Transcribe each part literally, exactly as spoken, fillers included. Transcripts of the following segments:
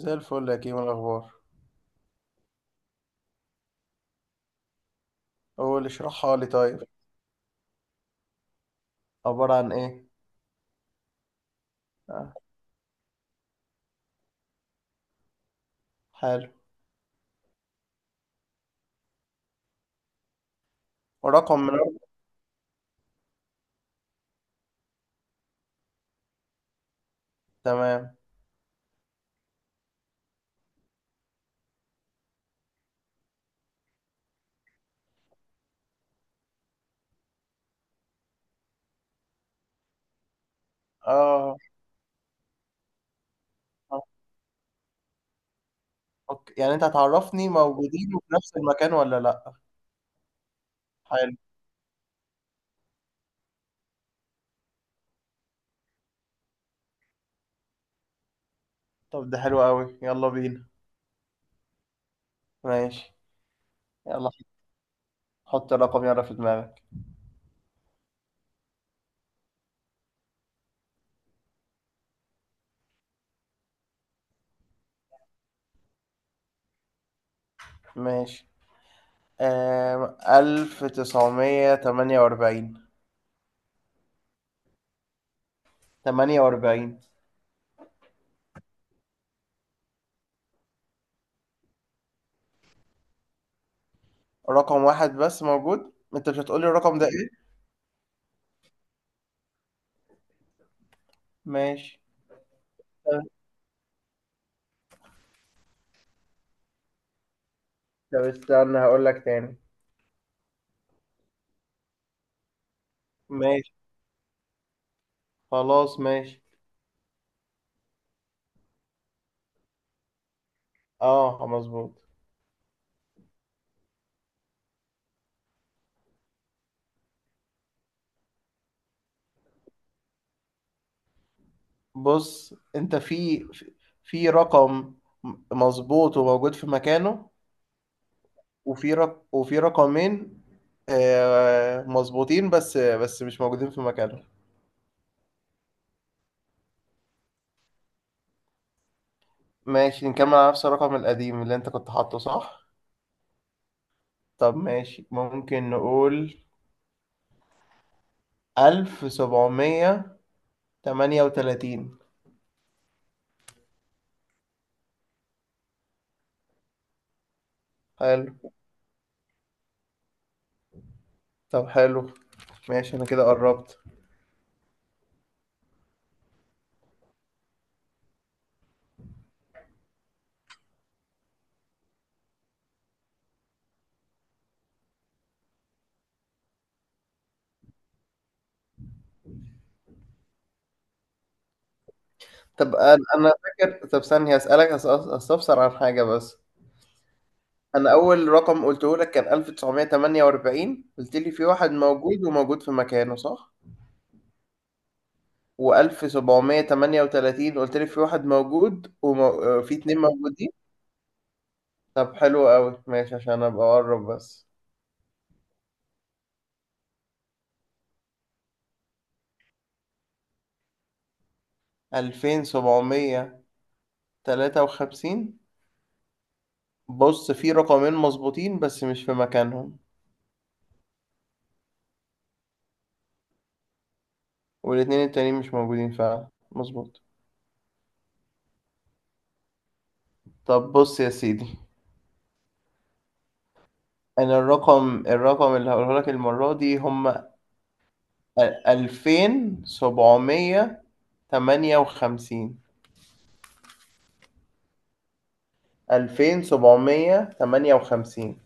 زي الفل يا كيمو، الأخبار؟ قول اشرحها لي طيب. عبارة عن إيه؟ آه. حلو. ورقم من. تمام. آه. آه. أوكي، يعني أنت هتعرفني موجودين في نفس المكان ولا لأ؟ حلو. طب ده حلو أوي، يلا بينا. ماشي. يلا حط الرقم يلا في دماغك. ماشي. آم، ألف تسعمية تمانية وأربعين. تمانية وأربعين. رقم واحد بس موجود، أنت مش هتقولي الرقم ده إيه؟ ماشي. طب طب استنى هقولك تاني. ماشي. خلاص ماشي. اه مظبوط. بص انت في في رقم مظبوط وموجود في مكانه. وفي رق... وفي رقمين آه، مظبوطين بس بس مش موجودين في مكانه. ماشي، نكمل على نفس الرقم القديم اللي انت كنت حاطه صح. طب ماشي، ممكن نقول ألف سبعمية تمانية وتلاتين. حلو. طب حلو ماشي، انا كده قربت. طب انا أنا فاكر، طب ثانية اسألك أس- أس- استفسر عن حاجة بس. انا اول رقم قلته لك كان ألف تسعمية تمانية وأربعين، قلت لي في واحد موجود وموجود في مكانه صح. و1738 قلت لي في واحد موجود وفي اتنين موجودين. طب حلو قوي ماشي عشان ابقى اقرب بس. ألفين سبعمية تلاتة وخمسين. بص في رقمين مظبوطين بس مش في مكانهم. والاتنين التانيين مش موجودين فعلا، مظبوط. طب بص يا سيدي، انا الرقم الرقم اللي هقوله لك المرة دي هم ألفين سبعمية تمانية وخمسين. ألفين سبعمية تمانية وخمسين.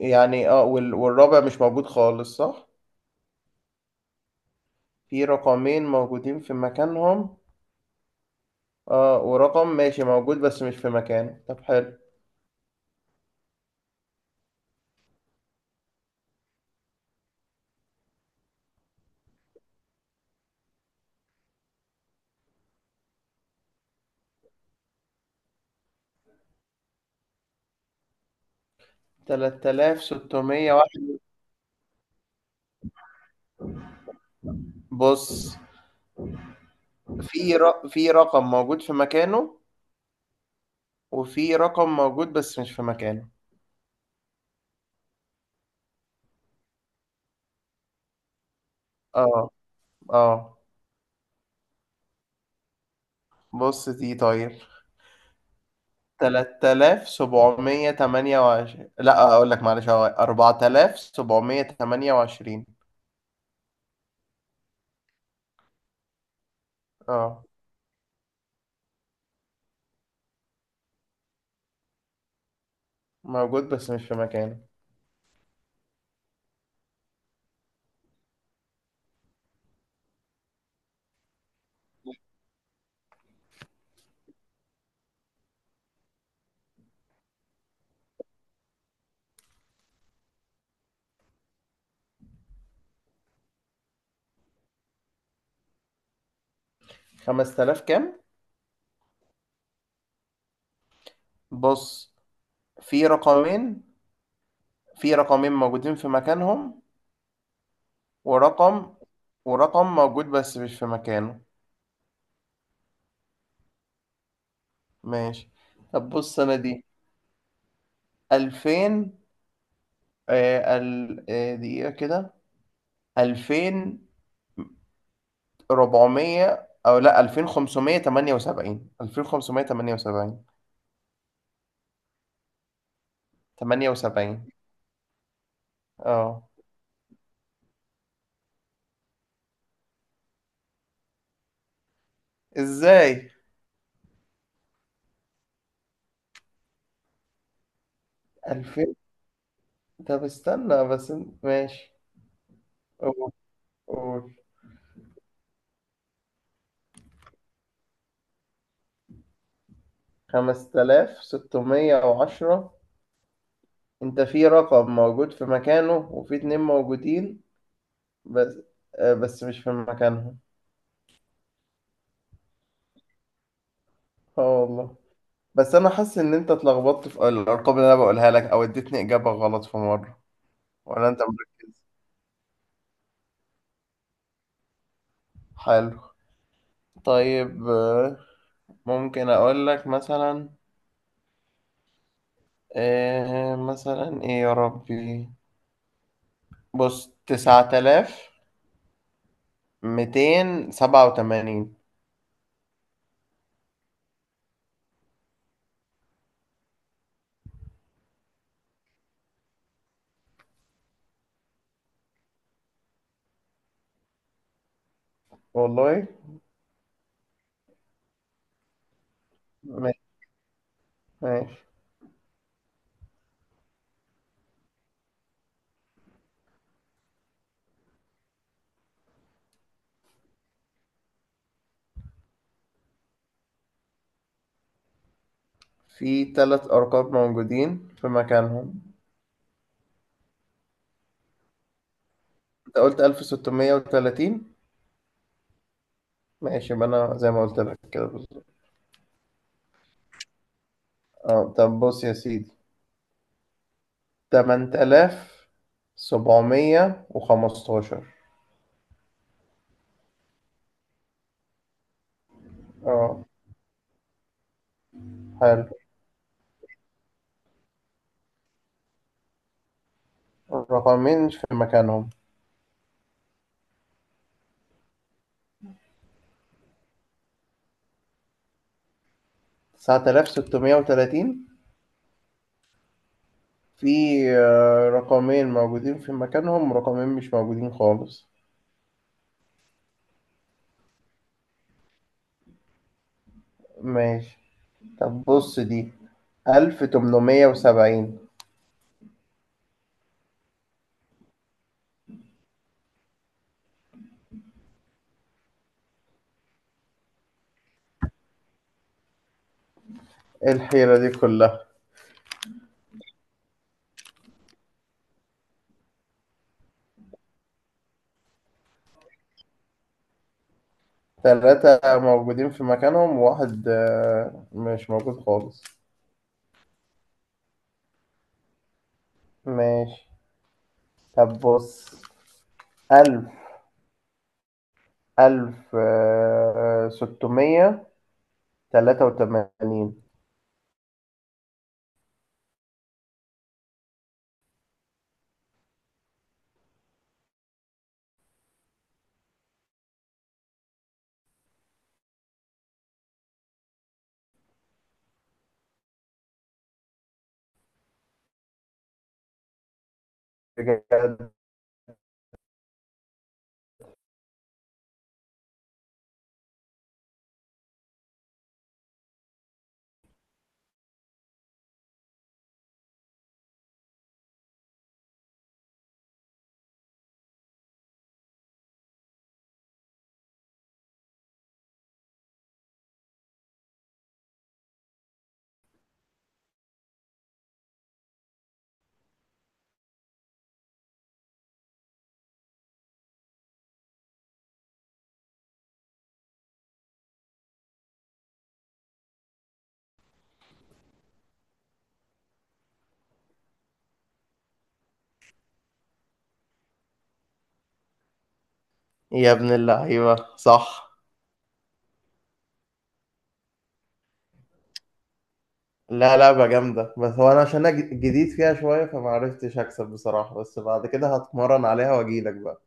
يعني اه وال- والرابع مش موجود خالص صح؟ في رقمين موجودين في مكانهم، اه ورقم ماشي موجود بس مش في مكانه. طب حلو. تلات آلاف ستمية واحد. بص في ر... في رقم موجود في مكانه، وفي رقم موجود بس مش في مكانه. اه. اه. بص دي طيب. تلات آلاف سبعمية تمانية وعشرين، لا اقول لك معلش، هو أربع آلاف سبعمية تمانية وعشرين. اه موجود بس مش في مكانه. خمس آلاف كام؟ بص في رقمين في رقمين موجودين في مكانهم، ورقم ورقم موجود بس مش في مكانه. ماشي. طب بص انا دي ألفين. آه ال... آه دقيقة كده، ألفين وأربعمية، او لا، ألفين خمسمية تمانية وسبعين. ألفين خمسمية تمانية وسبعين. تمانية وسبعين. اه. ازاي؟ ألفين. طب استنى بس انت- ماشي. قول. قول خمسة آلاف ستمية وعشرة. انت في رقم موجود في مكانه، وفي اتنين موجودين بس آه، بس مش في مكانهم. اه والله. بس انا حاسس ان انت اتلخبطت في الارقام اللي انا بقولها لك او اديتني اجابة غلط في مرة. ولا انت مركز. حلو. طيب آه، ممكن اقول لك مثلا آه، مثلا ايه يا ربي. بص تسعة آلاف ميتين سبعة وتمانين. والله. ماشي. ماشي. في تلات أرقام موجودين في مكانهم. أنت قلت ألف ستمية وتلاتين. ماشي، يبقى أنا زي ما قلت لك كده بالظبط. أه طب بص يا سيدي. تمن آلاف سبعمية وخمستاشر. أه. حلو. الرقمين في مكانهم. تسعة آلاف ستمية وتلاتين. في آه، رقمين موجودين في مكانهم، ورقمين مش موجودين خالص. ماشي. طب بص دي. ألف تمنمية وسبعين. إيه الحيرة دي كلها؟ تلاتة موجودين في مكانهم وواحد آه، مش موجود خالص. ماشي. طب بص. ألف ألف آه، ستمية تلاتة وتمانين. بجد. يا ابن اللعيبة صح. لا، لعبة جامدة، بس هو أنا عشان أنا ج- جديد فيها شوية فمعرفتش أكسب بصراحة، بس بعد كده هتمرن عليها وأجيلك بقى.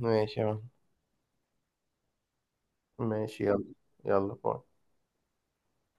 ماشي يا عم. ماشي يلا. يلا باي.